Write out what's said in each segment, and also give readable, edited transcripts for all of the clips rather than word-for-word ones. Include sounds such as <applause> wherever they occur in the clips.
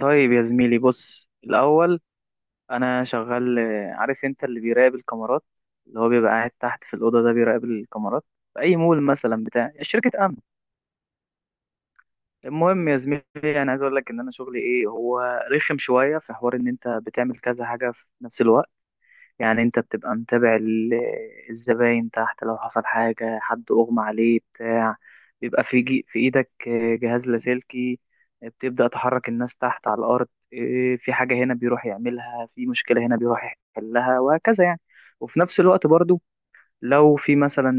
طيب يا زميلي، بص الأول. أنا شغال، عارف أنت اللي بيراقب الكاميرات، اللي هو بيبقى قاعد تحت في الأوضة ده بيراقب الكاميرات في أي مول مثلا، بتاع شركة أمن. المهم يا زميلي، أنا عايز أقول لك إن أنا شغلي إيه هو. رخم شوية، في حوار إن أنت بتعمل كذا حاجة في نفس الوقت. يعني انت بتبقى متابع الزباين تحت، لو حصل حاجة، حد اغمى عليه، بتاع، بيبقى في جي في ايدك جهاز لاسلكي، بتبدأ تحرك الناس تحت على الارض. اه، في حاجة هنا بيروح يعملها، في مشكلة هنا بيروح يحلها، وهكذا يعني. وفي نفس الوقت برضو، لو في مثلا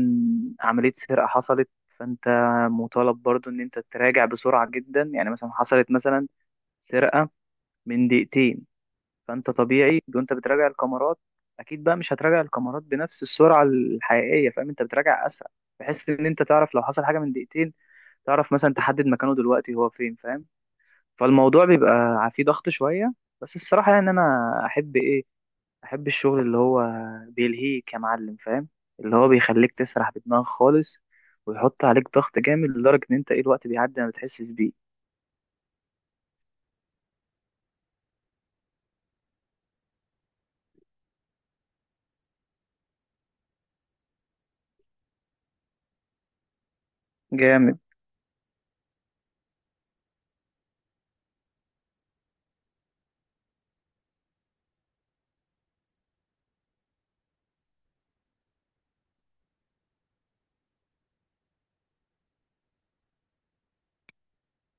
عملية سرقة حصلت، فانت مطالب برضو ان انت تراجع بسرعة جدا. يعني مثلا حصلت مثلا سرقة من دقيقتين، فانت طبيعي وانت بتراجع الكاميرات، اكيد بقى مش هتراجع الكاميرات بنفس السرعه الحقيقيه، فاهم؟ انت بتراجع اسرع بحيث ان انت تعرف لو حصل حاجه من دقيقتين تعرف مثلا تحدد مكانه دلوقتي هو فين، فاهم؟ فالموضوع بيبقى فيه ضغط شويه. بس الصراحه يعني انا احب ايه، احب الشغل اللي هو بيلهيك يا معلم، فاهم؟ اللي هو بيخليك تسرح بدماغك خالص، ويحط عليك ضغط جامد لدرجه ان انت ايه الوقت بيعدي ما بتحسش بيه. جامد.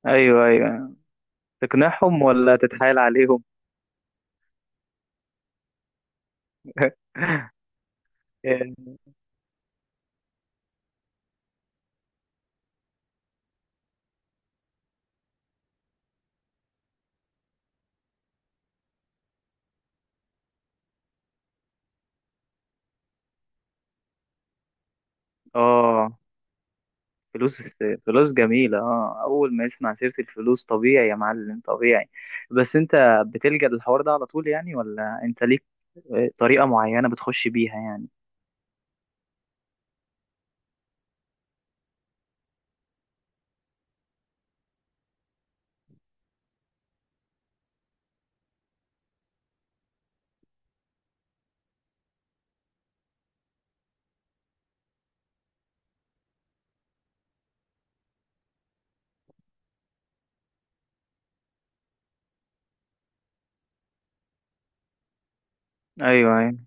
ايوه ايوه. تقنعهم ولا تتحايل عليهم؟ <laughs> اه، فلوس، فلوس جميلة. اه، أول ما يسمع سيرة الفلوس طبيعي يا معلم، طبيعي. بس أنت بتلجأ للحوار ده على طول يعني، ولا أنت ليك طريقة معينة بتخش بيها يعني؟ أيوه أيوه.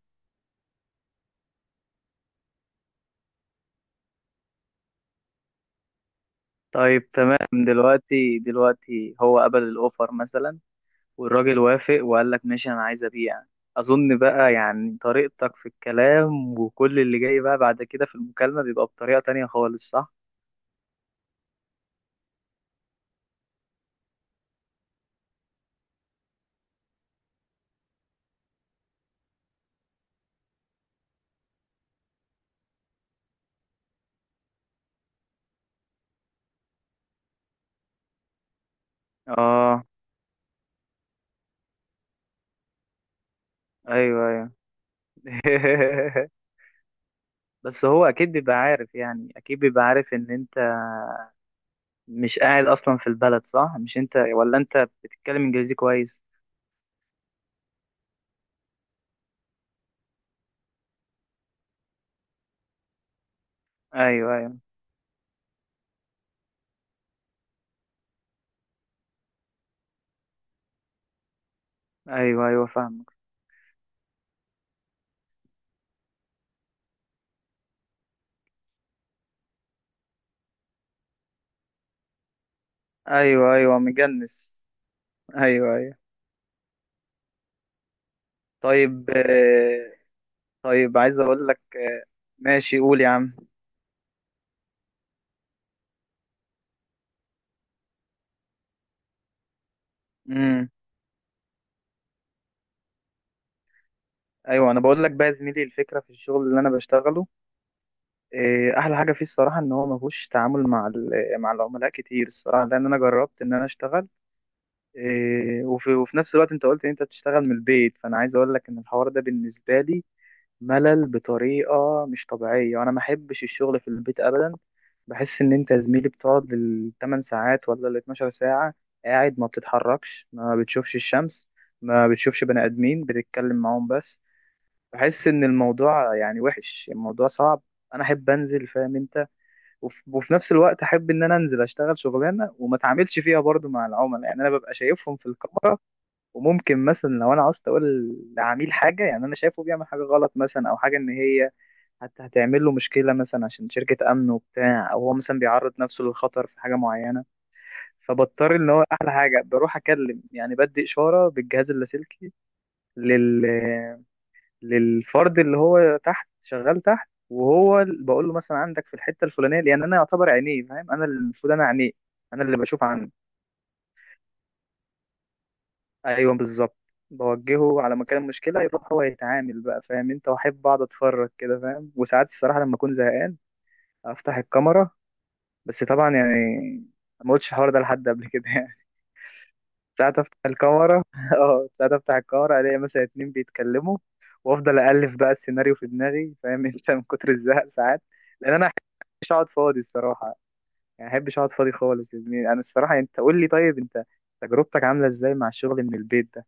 طيب تمام، دلوقتي، دلوقتي هو قبل الأوفر مثلا، والراجل وافق وقال لك ماشي أنا عايز أبيع، أظن بقى يعني طريقتك في الكلام، وكل اللي جاي بقى بعد كده في المكالمة بيبقى بطريقة تانية خالص، صح؟ اه أيوه أيوه. <laughs> بس هو اكيد بيبقى عارف، يعني اكيد بيبقى عارف ان انت مش قاعد اصلا في البلد، صح؟ مش انت، ولا انت بتتكلم انجليزي كويس. ايوه ايوه. ايوه ايوه، فاهمك. ايوه ايوه، مجنس. ايوه ايوه. طيب طيب عايز اقول لك ماشي، قول يا عم. امم. ايوه، انا بقول لك بقى يا زميلي، الفكره في الشغل اللي انا بشتغله احلى حاجه فيه الصراحه ان هو ما فيهوش تعامل مع مع العملاء كتير الصراحه، لان انا جربت ان انا اشتغل. وفي نفس الوقت انت قلت ان انت تشتغل من البيت، فانا عايز اقول لك ان الحوار ده بالنسبه لي ملل بطريقه مش طبيعيه، وانا ما احبش الشغل في البيت ابدا. بحس ان انت يا زميلي بتقعد الثمان ساعات ولا ال 12 ساعه قاعد، ما بتتحركش، ما بتشوفش الشمس، ما بتشوفش بني ادمين بتتكلم معاهم، بس بحس ان الموضوع يعني وحش، الموضوع صعب. انا احب انزل، فاهم انت، وفي نفس الوقت احب ان انا انزل اشتغل شغلانه وما اتعاملش فيها برضو مع العملاء، يعني انا ببقى شايفهم في الكاميرا. وممكن مثلا لو انا عاوز اقول لعميل حاجه، يعني انا شايفه بيعمل حاجه غلط مثلا، او حاجه ان هي هتعمل له مشكله مثلا عشان شركه امن وبتاع، او هو مثلا بيعرض نفسه للخطر في حاجه معينه، فبضطر ان هو احلى حاجه بروح اكلم، يعني بدي اشاره بالجهاز اللاسلكي لل للفرد اللي هو تحت، شغال تحت، وهو بقول له مثلا عندك في الحته الفلانيه، لان انا يعتبر عينيه، فاهم؟ انا اللي المفروض انا عينيه، انا اللي بشوف عنه. ايوه بالظبط. بوجهه على مكان المشكله، يروح هو يتعامل بقى، فاهم انت؟ واحب اقعد اتفرج كده، فاهم؟ وساعات الصراحه لما اكون زهقان افتح الكاميرا، بس طبعا يعني ما قلتش الحوار ده لحد قبل كده يعني. <laughs> ساعات افتح الكاميرا. <laughs> اه، ساعات افتح الكاميرا الاقي مثلا اتنين بيتكلموا، وافضل الف بقى السيناريو في دماغي، فاهم؟ <laughs> انت من كتر الزهق ساعات، لان انا مش اقعد فاضي الصراحه، يعني احبش اقعد فاضي خالص يا زميلي. انا الصراحه يعني انت قول لي، طيب انت تجربتك عامله ازاي مع الشغل من البيت ده؟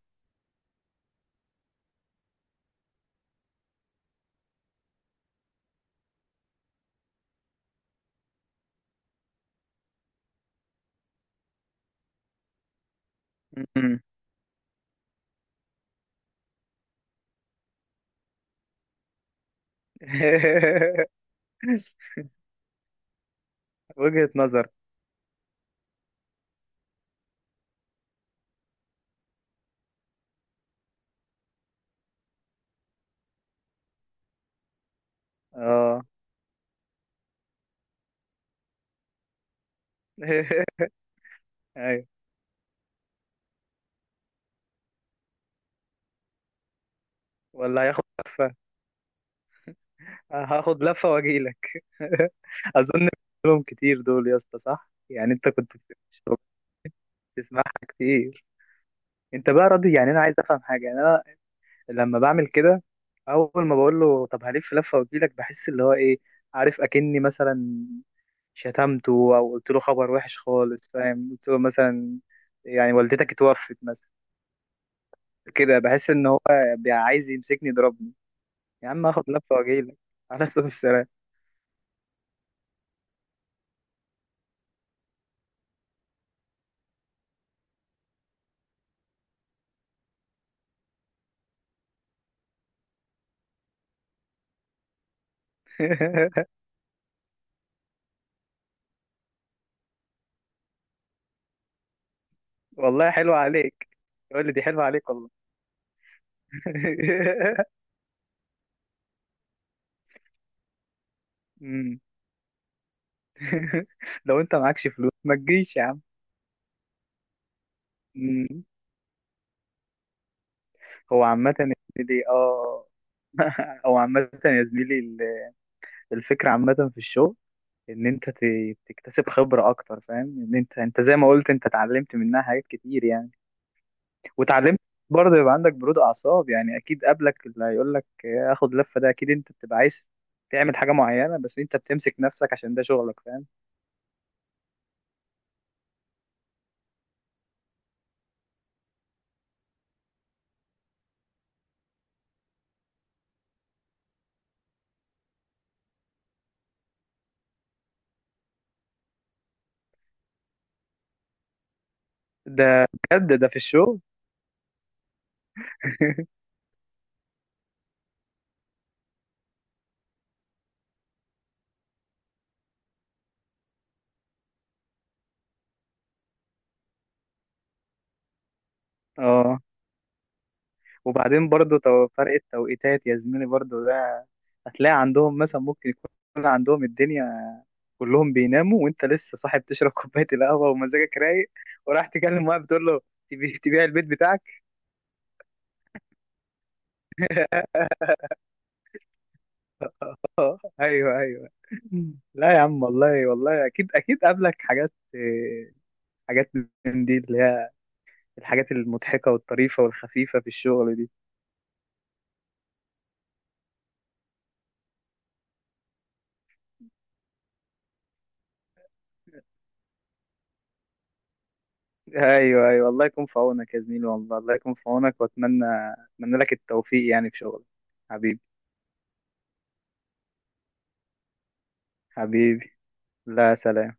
مم. <laughs> وجهة نظر. اه. <laughs> ايوه. ولا هياخد لفة. هاخد لفة واجيلك. <laughs> اظن لهم كتير دول يا اسطى، صح؟ يعني انت كنت بتسمعها كتير. انت بقى راضي؟ يعني انا عايز افهم حاجة، يعني انا لما بعمل كده، اول ما بقول له طب هلف لفة واجيلك، بحس اللي هو ايه، عارف اكني مثلا شتمته، او قلت له خبر وحش خالص، فاهم؟ قلت له مثلا يعني والدتك اتوفت مثلا، كده بحس ان هو عايز يمسكني يضربني. يا عم اخد لفه واجيلك، على صوت السلام. <laughs> والله حلوه عليك، يقول لي دي حلوه عليك والله. <laughs> أمم. <laughs> لو انت معكش فلوس ما تجيش يا عم. أمم. هو عامه يا زميلي، اه. <laughs> هو عامه يا زميلي، الفكره عامه في الشغل، ان انت تكتسب خبره اكتر، فاهم؟ ان انت، انت زي ما قلت، انت اتعلمت منها حاجات كتير يعني. واتعلمت برضه يبقى عندك برود اعصاب، يعني اكيد قبلك اللي هيقول لك اخد لفه ده، اكيد انت بتبقى عايز تعمل حاجه معينه بس انت بتمسك نفسك عشان ده شغلك، فاهم؟ ده بجد، ده في الشغل. <laughs> اه، وبعدين برضه فرق التوقيتات يا زميلي برضه ده، هتلاقي عندهم مثلا ممكن يكون عندهم الدنيا كلهم بيناموا، وانت لسه صاحي بتشرب <laughs> كوبايه القهوه ومزاجك رايق، وراح تكلم واحد بتقول له تبيع البيت بتاعك. <laughs> <laughs> اه ايوه ايوه. لا يا عم، والله والله اكيد اكيد قابلك حاجات، حاجات من دي اللي هي الحاجات المضحكه والطريفه والخفيفه في الشغل دي. ايوه ايوه. الله يكون في عونك يا زميلي، والله الله يكون في عونك. واتمنى، اتمنى لك التوفيق يعني في شغلك. حبيبي، حبيبي. لا سلام.